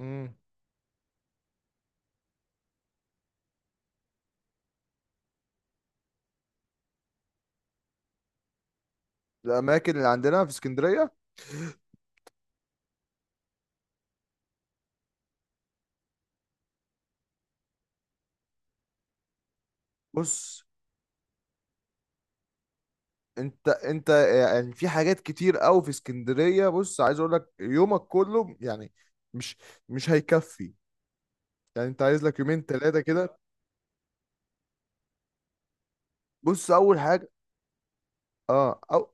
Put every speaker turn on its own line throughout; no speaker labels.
امم الاماكن اللي عندنا في اسكندريه. بص، انت يعني في حاجات كتير قوي في اسكندريه. بص عايز اقول لك يومك كله يعني مش مش هيكفي. يعني انت عايز لك يومين ثلاثه كده. بص، اول حاجه. اه أو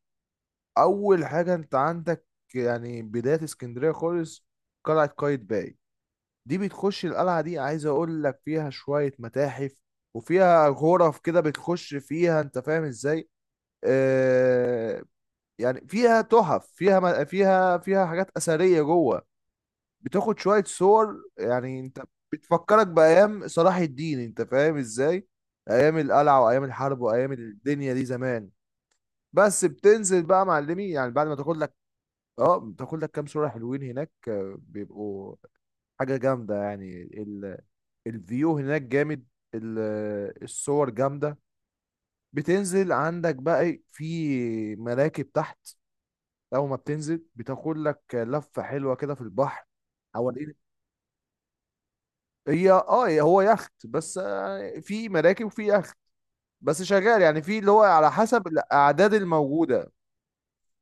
اول حاجه، انت عندك يعني بدايه اسكندريه خالص قلعه قايتباي. دي بتخش القلعه دي، عايز اقول لك فيها شويه متاحف، وفيها غرف كده بتخش فيها انت فاهم ازاي. آه، يعني فيها تحف، فيها فيها حاجات أثرية جوه. بتاخد شوية صور يعني انت، بتفكرك بأيام صلاح الدين، انت فاهم ازاي، أيام القلعة وأيام الحرب وأيام الدنيا دي زمان. بس بتنزل بقى معلمي يعني بعد ما تاخد لك، اه بتاخد لك كام صورة حلوين هناك، بيبقوا حاجة جامدة. يعني الفيو هناك جامد، ال... الصور جامدة. بتنزل عندك بقى إيه، في مراكب تحت. اول ما بتنزل بتاخد لك لفه حلوه كده في البحر حوالين. هي اه هو يخت، بس في مراكب وفي يخت، بس شغال يعني في اللي هو على حسب الاعداد الموجوده.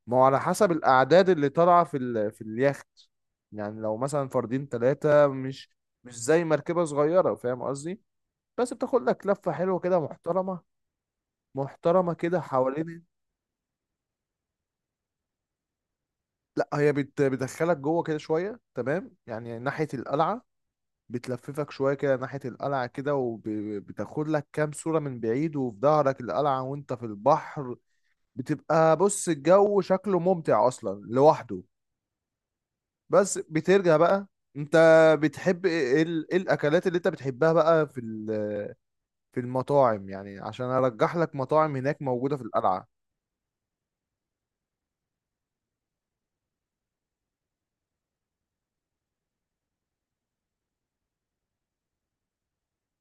ما هو على حسب الاعداد اللي طالعه في في اليخت. يعني لو مثلا فردين ثلاثه، مش زي مركبه صغيره، فاهم قصدي. بس بتاخد لك لفه حلوه كده محترمه، محترمه كده حوالين. لا هي بتدخلك جوه كده شويه، تمام، يعني ناحيه القلعه. بتلففك شوية كده ناحية القلعة كده، وبتاخد لك كام صورة من بعيد وفي ظهرك القلعة وانت في البحر. بتبقى بص الجو شكله ممتع أصلا لوحده. بس بترجع بقى انت، بتحب ايه، إيه ايه الأكلات اللي انت بتحبها بقى في في المطاعم، يعني عشان أرجح لك مطاعم هناك موجودة في القلعة.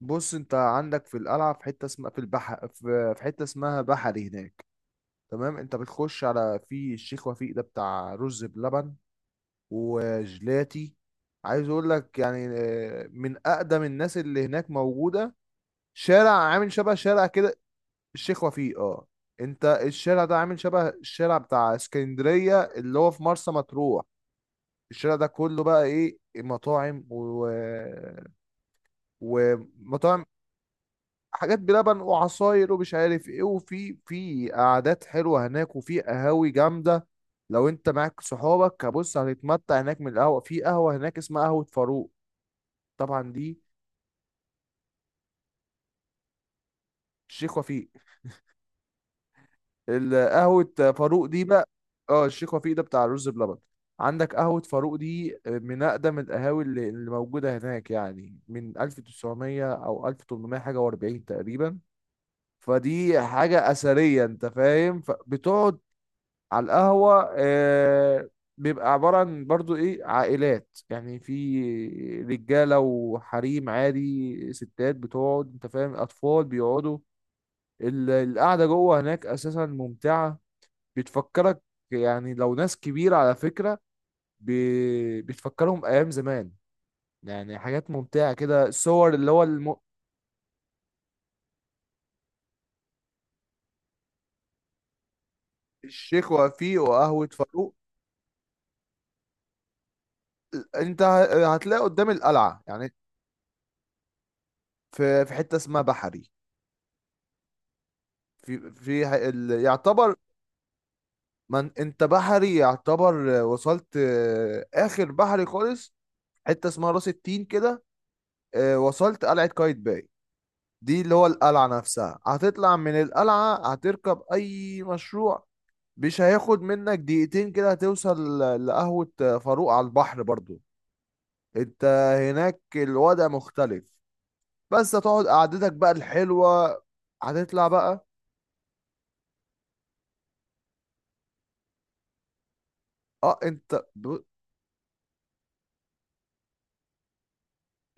بص، انت عندك في القلعة في حتة اسمها في البحر، في في حتة اسمها بحري هناك، تمام. انت بتخش على في الشيخ وفيق ده بتاع رز بلبن وجلاتي. عايز اقول لك يعني من اقدم الناس اللي هناك موجوده. شارع عامل شبه شارع كده، الشيخ وفيق اه. انت الشارع ده عامل شبه الشارع بتاع اسكندريه اللي هو في مرسى مطروح. الشارع ده كله بقى ايه، ومطاعم، حاجات بلبن وعصاير ومش عارف ايه، وفي في قعدات حلوه هناك، وفي قهاوي جامده. لو انت معاك صحابك هبص هتتمتع هناك. من القهوه، في قهوه هناك اسمها قهوه فاروق، طبعا دي الشيخ وفيق. القهوة فاروق دي بقى، اه الشيخ وفيق ده بتاع الرز بلبن. عندك قهوة فاروق دي من أقدم القهاوي اللي موجودة هناك، يعني من 1900 أو 1800 حاجة و40 تقريبا. فدي حاجة أثرية أنت فاهم، فبتقعد على القهوة آه. بيبقى عبارة عن برضو إيه، عائلات يعني، في رجالة وحريم عادي، ستات بتقعد أنت فاهم، أطفال بيقعدوا. القعدة جوه هناك أساسا ممتعة، بتفكرك يعني لو ناس كبيرة على فكرة، بتفكرهم أيام زمان، يعني حاجات ممتعة كده، الصور اللي هو الشيخ وفيق وقهوة فاروق. أنت هتلاقي قدام القلعة يعني، في في حتة اسمها بحري. في في يعتبر من أنت بحري يعتبر وصلت آخر بحري خالص، حتة اسمها راس التين كده. وصلت قلعة قايتباي، دي اللي هو القلعة نفسها. هتطلع من القلعة هتركب أي مشروع، مش هياخد منك دقيقتين كده هتوصل لقهوة فاروق على البحر برضو. انت هناك الوضع مختلف، بس هتقعد قعدتك بقى الحلوة. هتطلع بقى، اه انت ب-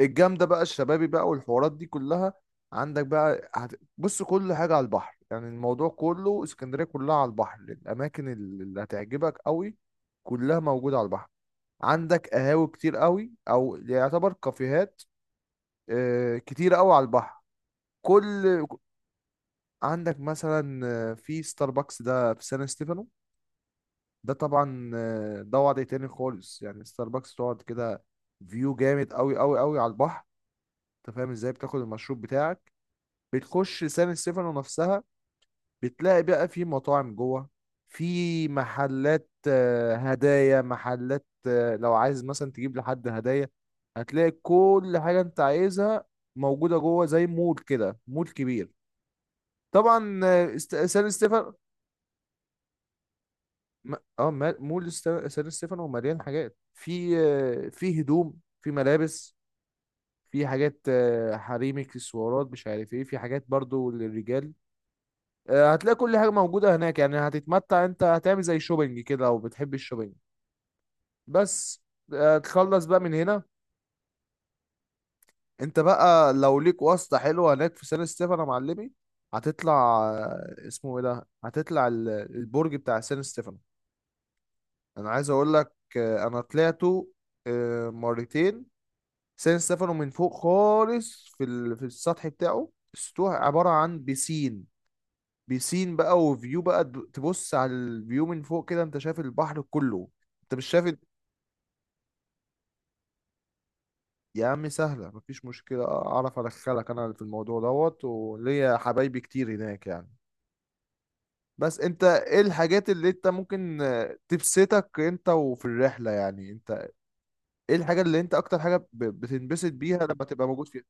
الجامدة بقى، الشبابي بقى والحوارات دي كلها عندك بقى بص كل حاجة على البحر، يعني الموضوع كله اسكندرية كلها على البحر. الأماكن اللي هتعجبك قوي كلها موجودة على البحر. عندك قهاوي كتير قوي، او يعتبر كافيهات، كتير قوي على البحر، كل، عندك مثلا في ستاربكس ده في سان ستيفانو. ده طبعا ده وضع تاني خالص، يعني ستاربكس تقعد كده، فيو جامد قوي قوي قوي على البحر، انت فاهم ازاي، بتاخد المشروب بتاعك. بتخش سان ستيفانو نفسها، بتلاقي بقى في مطاعم جوه، في محلات هدايا، محلات لو عايز مثلا تجيب لحد هدايا، هتلاقي كل حاجة انت عايزها موجودة جوه، زي مول كده مول كبير طبعا. سان ستيفانو، مول سان ستيفانو مليان حاجات، في في هدوم، في ملابس، في حاجات حريمي، اكسسوارات مش عارف ايه، في حاجات برضو للرجال. هتلاقي كل حاجة موجودة هناك، يعني هتتمتع، انت هتعمل زي شوبينج كده لو بتحب الشوبينج. بس تخلص بقى من هنا. انت بقى لو ليك واسطة حلوة هناك في سان ستيفانو يا معلمي، هتطلع اسمه ايه ده، هتطلع البرج بتاع سان ستيفانو. انا عايز اقول لك انا طلعته مرتين. سان ستيفانو من فوق خالص في في السطح بتاعه. السطوح عبارة عن بيسين، بيسين بقى وفيو بقى، تبص على الفيو من فوق كده انت شايف البحر كله. انت مش شايف ال- يا عم سهلة، مفيش مشكلة، اعرف ادخلك انا في الموضوع دوت، وليا حبايبي كتير هناك يعني. بس انت ايه الحاجات اللي انت ممكن تبسطك انت وفي الرحلة، يعني انت ايه الحاجة اللي انت اكتر حاجة بتنبسط بيها لما تبقى موجود فيها؟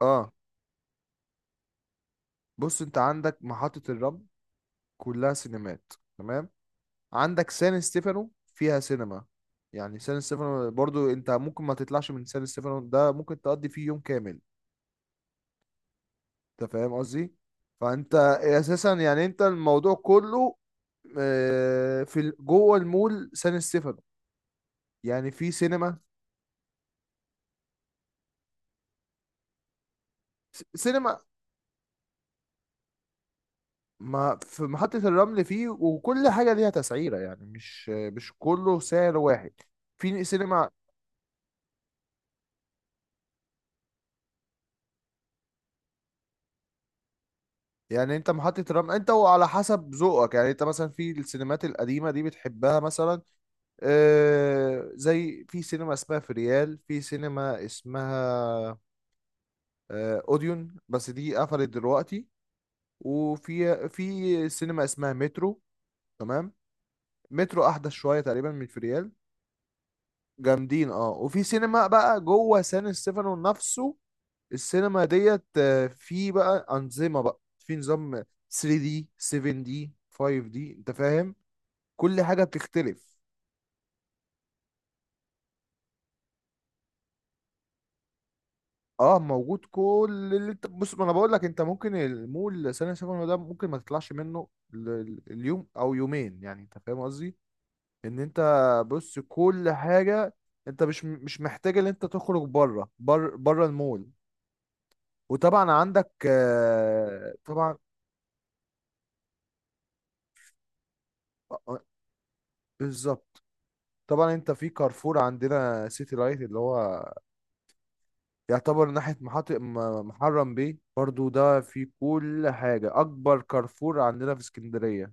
اه. بص انت عندك محطة الرمل كلها سينمات، تمام. عندك سان ستيفانو فيها سينما، يعني سان ستيفانو برضو انت ممكن ما تطلعش من سان ستيفانو ده، ممكن تقضي فيه يوم كامل، انت فاهم قصدي، فانت اساسا يعني انت الموضوع كله في جوه المول سان ستيفانو يعني في سينما. سينما، ما في محطة الرمل فيه، وكل حاجة ليها تسعيرة يعني مش مش كله سعر واحد. في سينما، يعني انت محطة الرمل انت وعلى حسب ذوقك، يعني انت مثلا في السينمات القديمة دي بتحبها مثلا، زي في سينما اسمها في ريال، في سينما اسمها اوديون، بس دي قفلت دلوقتي. وفي في سينما اسمها مترو، تمام، مترو احدث شويه تقريبا من في ريال. جامدين اه، وفي سينما بقى جوه سان ستيفانو نفسه السينما ديت في بقى انظمه بقى، في نظام 3D 7D 5D انت فاهم، كل حاجه بتختلف. اه موجود كل اللي انت، بص ما انا بقول لك انت ممكن المول ثانية ثانوي ده ممكن ما تطلعش منه اليوم او يومين، يعني انت فاهم قصدي ان انت، بص كل حاجة، انت مش مش محتاج ان انت تخرج بره بره بره المول. وطبعا عندك طبعا آه، آه، بالظبط. طبعا انت في كارفور عندنا سيتي لايت، اللي هو يعتبر ناحية محطة محرم بيه برضو، ده في كل حاجة، أكبر كارفور عندنا في اسكندرية،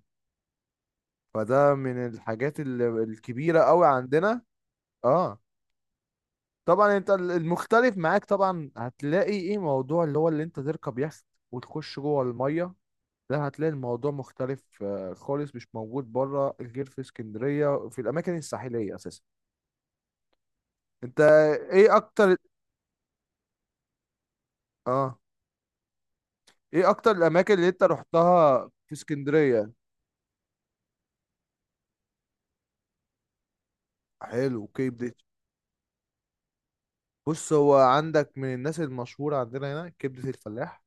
فده من الحاجات الكبيرة قوي عندنا. اه طبعا انت المختلف معاك، طبعا هتلاقي ايه موضوع اللي هو اللي انت تركب يخت وتخش جوه المية، ده هتلاقي الموضوع مختلف خالص، مش موجود بره غير في اسكندرية في الأماكن الساحلية أساسا. أنت إيه أكتر، آه إيه أكتر الأماكن اللي أنت رحتها في اسكندرية؟ حلو كبدة. بص هو عندك من الناس المشهورة عندنا هنا كبدة الفلاح،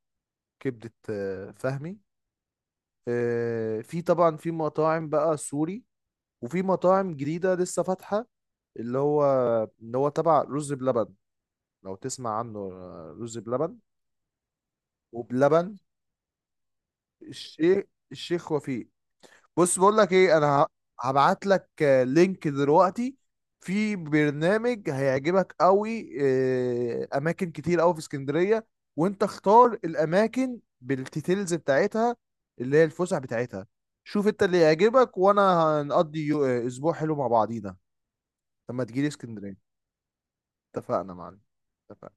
كبدة فهمي، في طبعا في مطاعم بقى سوري، وفي مطاعم جديدة لسه فاتحة، اللي هو اللي هو تبع رز بلبن، لو تسمع عنه رز بلبن وبلبن. الشيخ، الشيخ وفيق. بص بقول لك ايه، انا هبعت لك لينك دلوقتي، في برنامج هيعجبك قوي اماكن كتير قوي في اسكندريه، وانت اختار الاماكن بالديتيلز بتاعتها اللي هي الفسح بتاعتها، شوف انت اللي يعجبك، وانا هنقضي اسبوع حلو مع بعضينا لما تجيلي اسكندريه. اتفقنا معلم. اتفقنا.